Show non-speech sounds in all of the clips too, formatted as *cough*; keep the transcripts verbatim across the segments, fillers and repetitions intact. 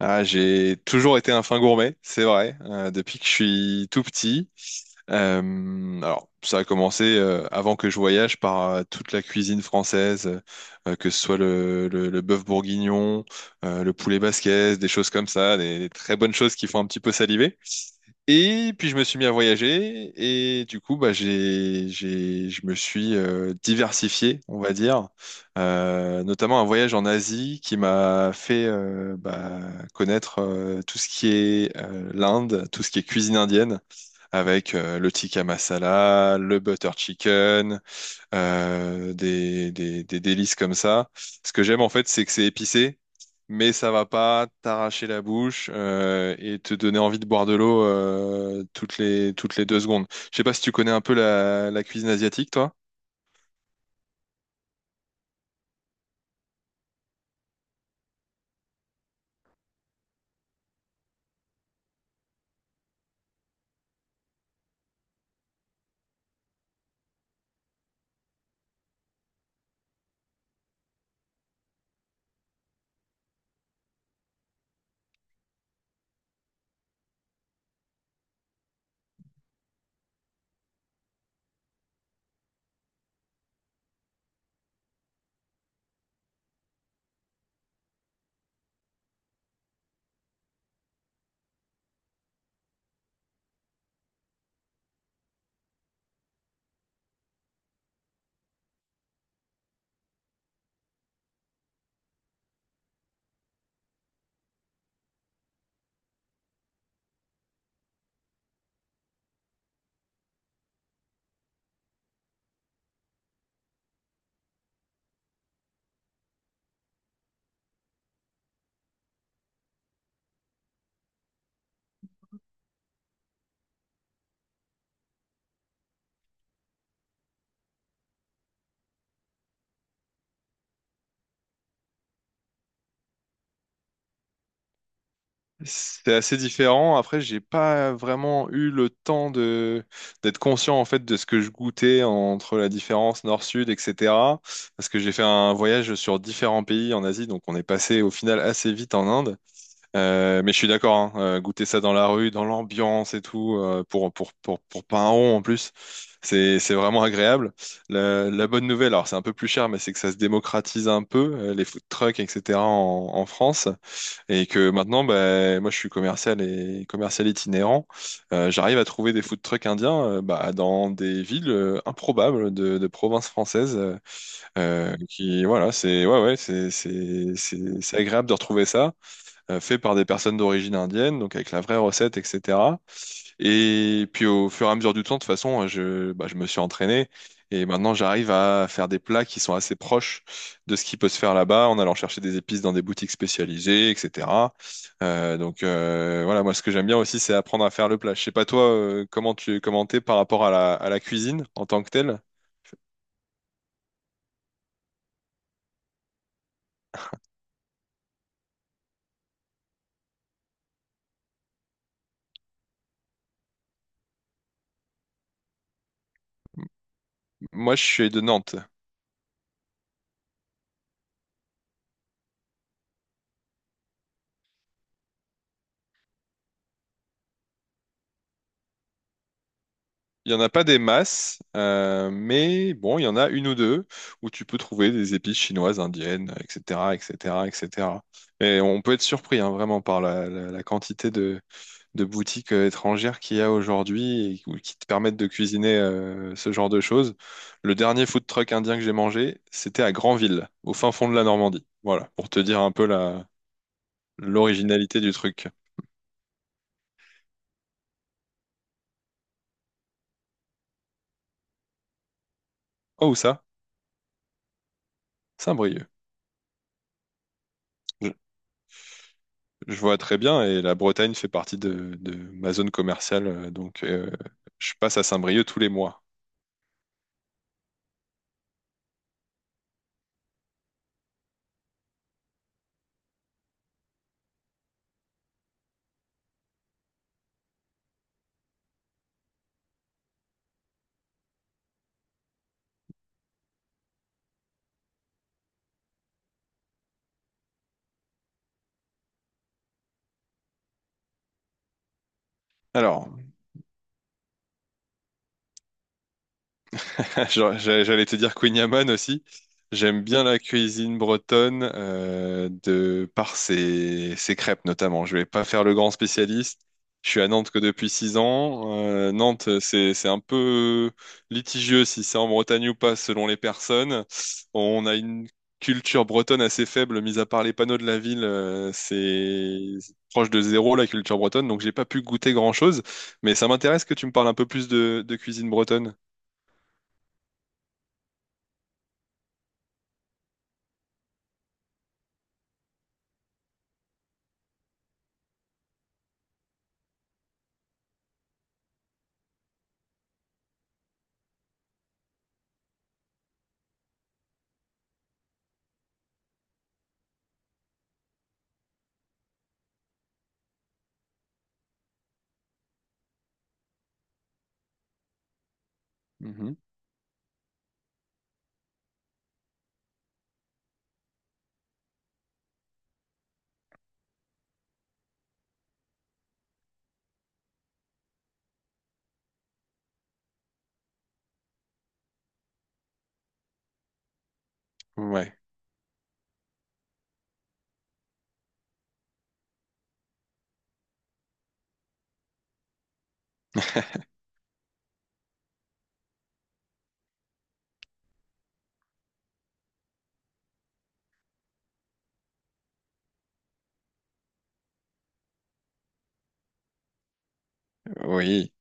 Ah, j'ai toujours été un fin gourmet, c'est vrai, euh, depuis que je suis tout petit. Euh, alors, ça a commencé euh, avant que je voyage par euh, toute la cuisine française, euh, euh, que ce soit le, le, le bœuf bourguignon, euh, le poulet basquaise, des choses comme ça, des, des très bonnes choses qui font un petit peu saliver. Et puis je me suis mis à voyager et du coup bah j'ai j'ai je me suis euh, diversifié, on va dire. Euh, notamment un voyage en Asie qui m'a fait euh, bah, connaître euh, tout ce qui est euh, l'Inde, tout ce qui est cuisine indienne avec euh, le tikka masala, le butter chicken, euh, des, des, des délices comme ça. Ce que j'aime en fait, c'est que c'est épicé, mais ça va pas t'arracher la bouche euh, et te donner envie de boire de l'eau euh, toutes les, toutes les deux secondes. Je sais pas si tu connais un peu la, la cuisine asiatique, toi. C'est assez différent. Après, j'ai pas vraiment eu le temps de d'être conscient en fait de ce que je goûtais entre la différence nord-sud, et cetera. Parce que j'ai fait un voyage sur différents pays en Asie, donc on est passé au final assez vite en Inde. Euh, mais je suis d'accord, hein, euh, goûter ça dans la rue, dans l'ambiance et tout, euh, pour, pour, pour, pour pas un rond en plus, c'est, c'est vraiment agréable. La, la bonne nouvelle, alors c'est un peu plus cher, mais c'est que ça se démocratise un peu, euh, les food trucks, et cetera en, en France, et que maintenant, bah, moi je suis commercial et commercial itinérant, euh, j'arrive à trouver des food trucks indiens, euh, bah, dans des villes euh, improbables de, de provinces françaises, euh, euh, qui, voilà, c'est ouais, ouais, c'est c'est- c'est- c'est agréable de retrouver ça euh, fait par des personnes d'origine indienne, donc avec la vraie recette, et cetera. Et puis au fur et à mesure du temps, de toute façon, euh, je, bah, je me suis entraîné et maintenant j'arrive à faire des plats qui sont assez proches de ce qui peut se faire là-bas, en allant chercher des épices dans des boutiques spécialisées, et cetera. Euh, donc euh, voilà, moi ce que j'aime bien aussi, c'est apprendre à faire le plat. Je sais pas toi, euh, comment tu comment t'es par rapport à la, à la cuisine en tant que telle. Moi, je suis de Nantes. Il n'y en a pas des masses, euh, mais bon, il y en a une ou deux où tu peux trouver des épices chinoises, indiennes, et cetera, et cetera, et cetera. Et cetera. Et on peut être surpris, hein, vraiment, par la, la- la quantité de, de boutiques euh, étrangères qu'il y a aujourd'hui et qui qui te permettent de cuisiner euh, ce genre de choses. Le dernier food truck indien que j'ai mangé, c'était à Granville, au fin fond de la Normandie. Voilà, pour te dire un peu la, l'originalité du truc. Oh, où ça? Saint-Brieuc. Je vois très bien, et la Bretagne fait partie de, de ma zone commerciale, euh, donc euh, je passe à Saint-Brieuc tous les mois. Alors, *laughs* Genre, j'a- j'allais te dire Queen Yaman aussi. J'aime bien la cuisine bretonne euh, de par ses, ses crêpes notamment. Je vais pas faire le grand spécialiste. Je suis à Nantes que depuis six ans. Euh, Nantes, c'est c'est un peu litigieux si c'est en Bretagne ou pas selon les personnes. On a une culture bretonne assez faible, mis à part les panneaux de la ville. Euh, c'est proche de zéro, la culture bretonne, donc j'ai pas pu goûter grand-chose. Mais ça m'intéresse que tu me parles un peu plus de, de cuisine bretonne. Mhm. Ouais. Oui,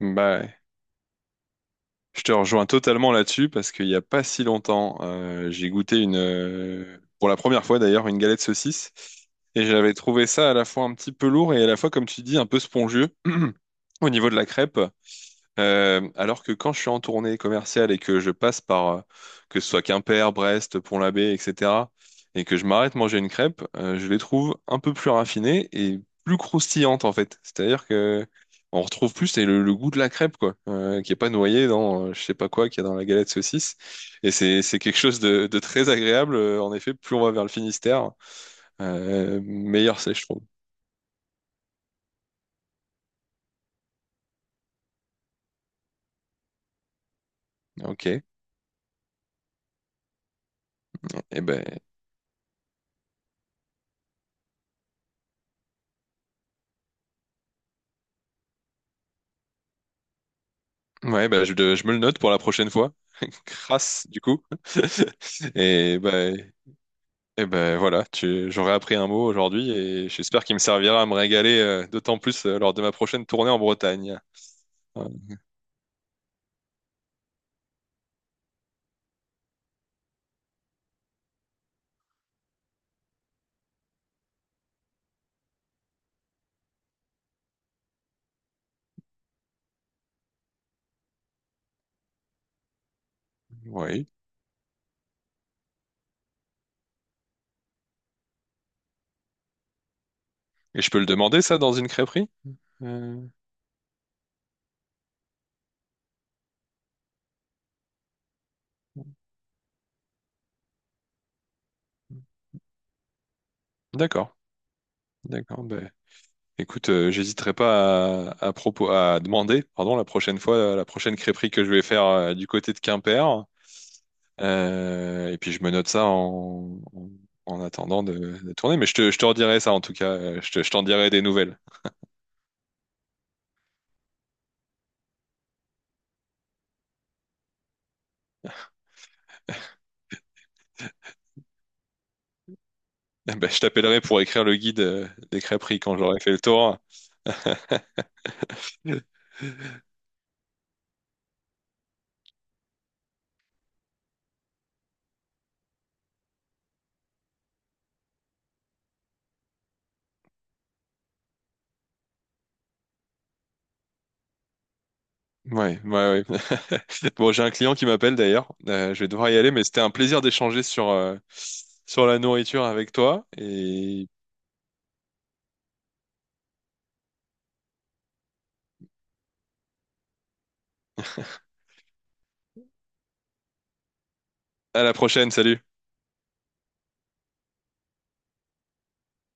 bah, je te rejoins totalement là-dessus, parce qu'il n'y a pas si longtemps, euh, j'ai goûté une, euh, pour la première fois d'ailleurs, une galette saucisse, et j'avais trouvé ça à la fois un petit peu lourd et à la fois, comme tu dis, un peu spongieux *clears throat* au niveau de la crêpe. Euh, alors que quand je suis en tournée commerciale et que je passe par, euh, que ce soit Quimper, Brest, Pont-l'Abbé, et cetera, et que je m'arrête manger une crêpe, euh, je les trouve un peu plus raffinées et plus croustillantes en fait. C'est-à-dire que on retrouve plus c'est le, le goût de la crêpe quoi, euh, qui est pas noyé dans euh, je sais pas quoi qu'il y a dans la galette saucisse. Et c'est c'est quelque chose de, de très agréable. Euh, En effet, plus on va vers le Finistère, euh, meilleur c'est, je trouve. Ok. Et ben ouais, bah, je, je me le note pour la prochaine fois. *laughs* Crasse, du coup. *laughs* Et ben et ben voilà, tu, j'aurais appris un mot aujourd'hui et j'espère qu'il me servira à me régaler euh, d'autant plus euh, lors de ma prochaine tournée en Bretagne. Euh, oui. Et je peux le demander, ça, dans une crêperie? Euh, d'accord, d'accord. Ben, écoute, euh, j'hésiterai pas à, à propos, à demander, pardon, la prochaine fois, euh, la prochaine crêperie que je vais faire euh, du côté de Quimper. Euh, et puis je me note ça en, en, en attendant de, de tourner. Mais je te, je te redirai ça en tout cas. Euh, Je te- je t'en dirai des nouvelles. *laughs* Eh ben, je t'appellerai pour écrire le guide euh, des crêperies quand j'aurai fait le tour. *laughs* Ouais, ouais, ouais. *laughs* Bon, j'ai un client qui m'appelle d'ailleurs. Euh, je vais devoir y aller, mais c'était un plaisir d'échanger sur, euh, sur la nourriture avec toi. Et *laughs* à la prochaine, salut.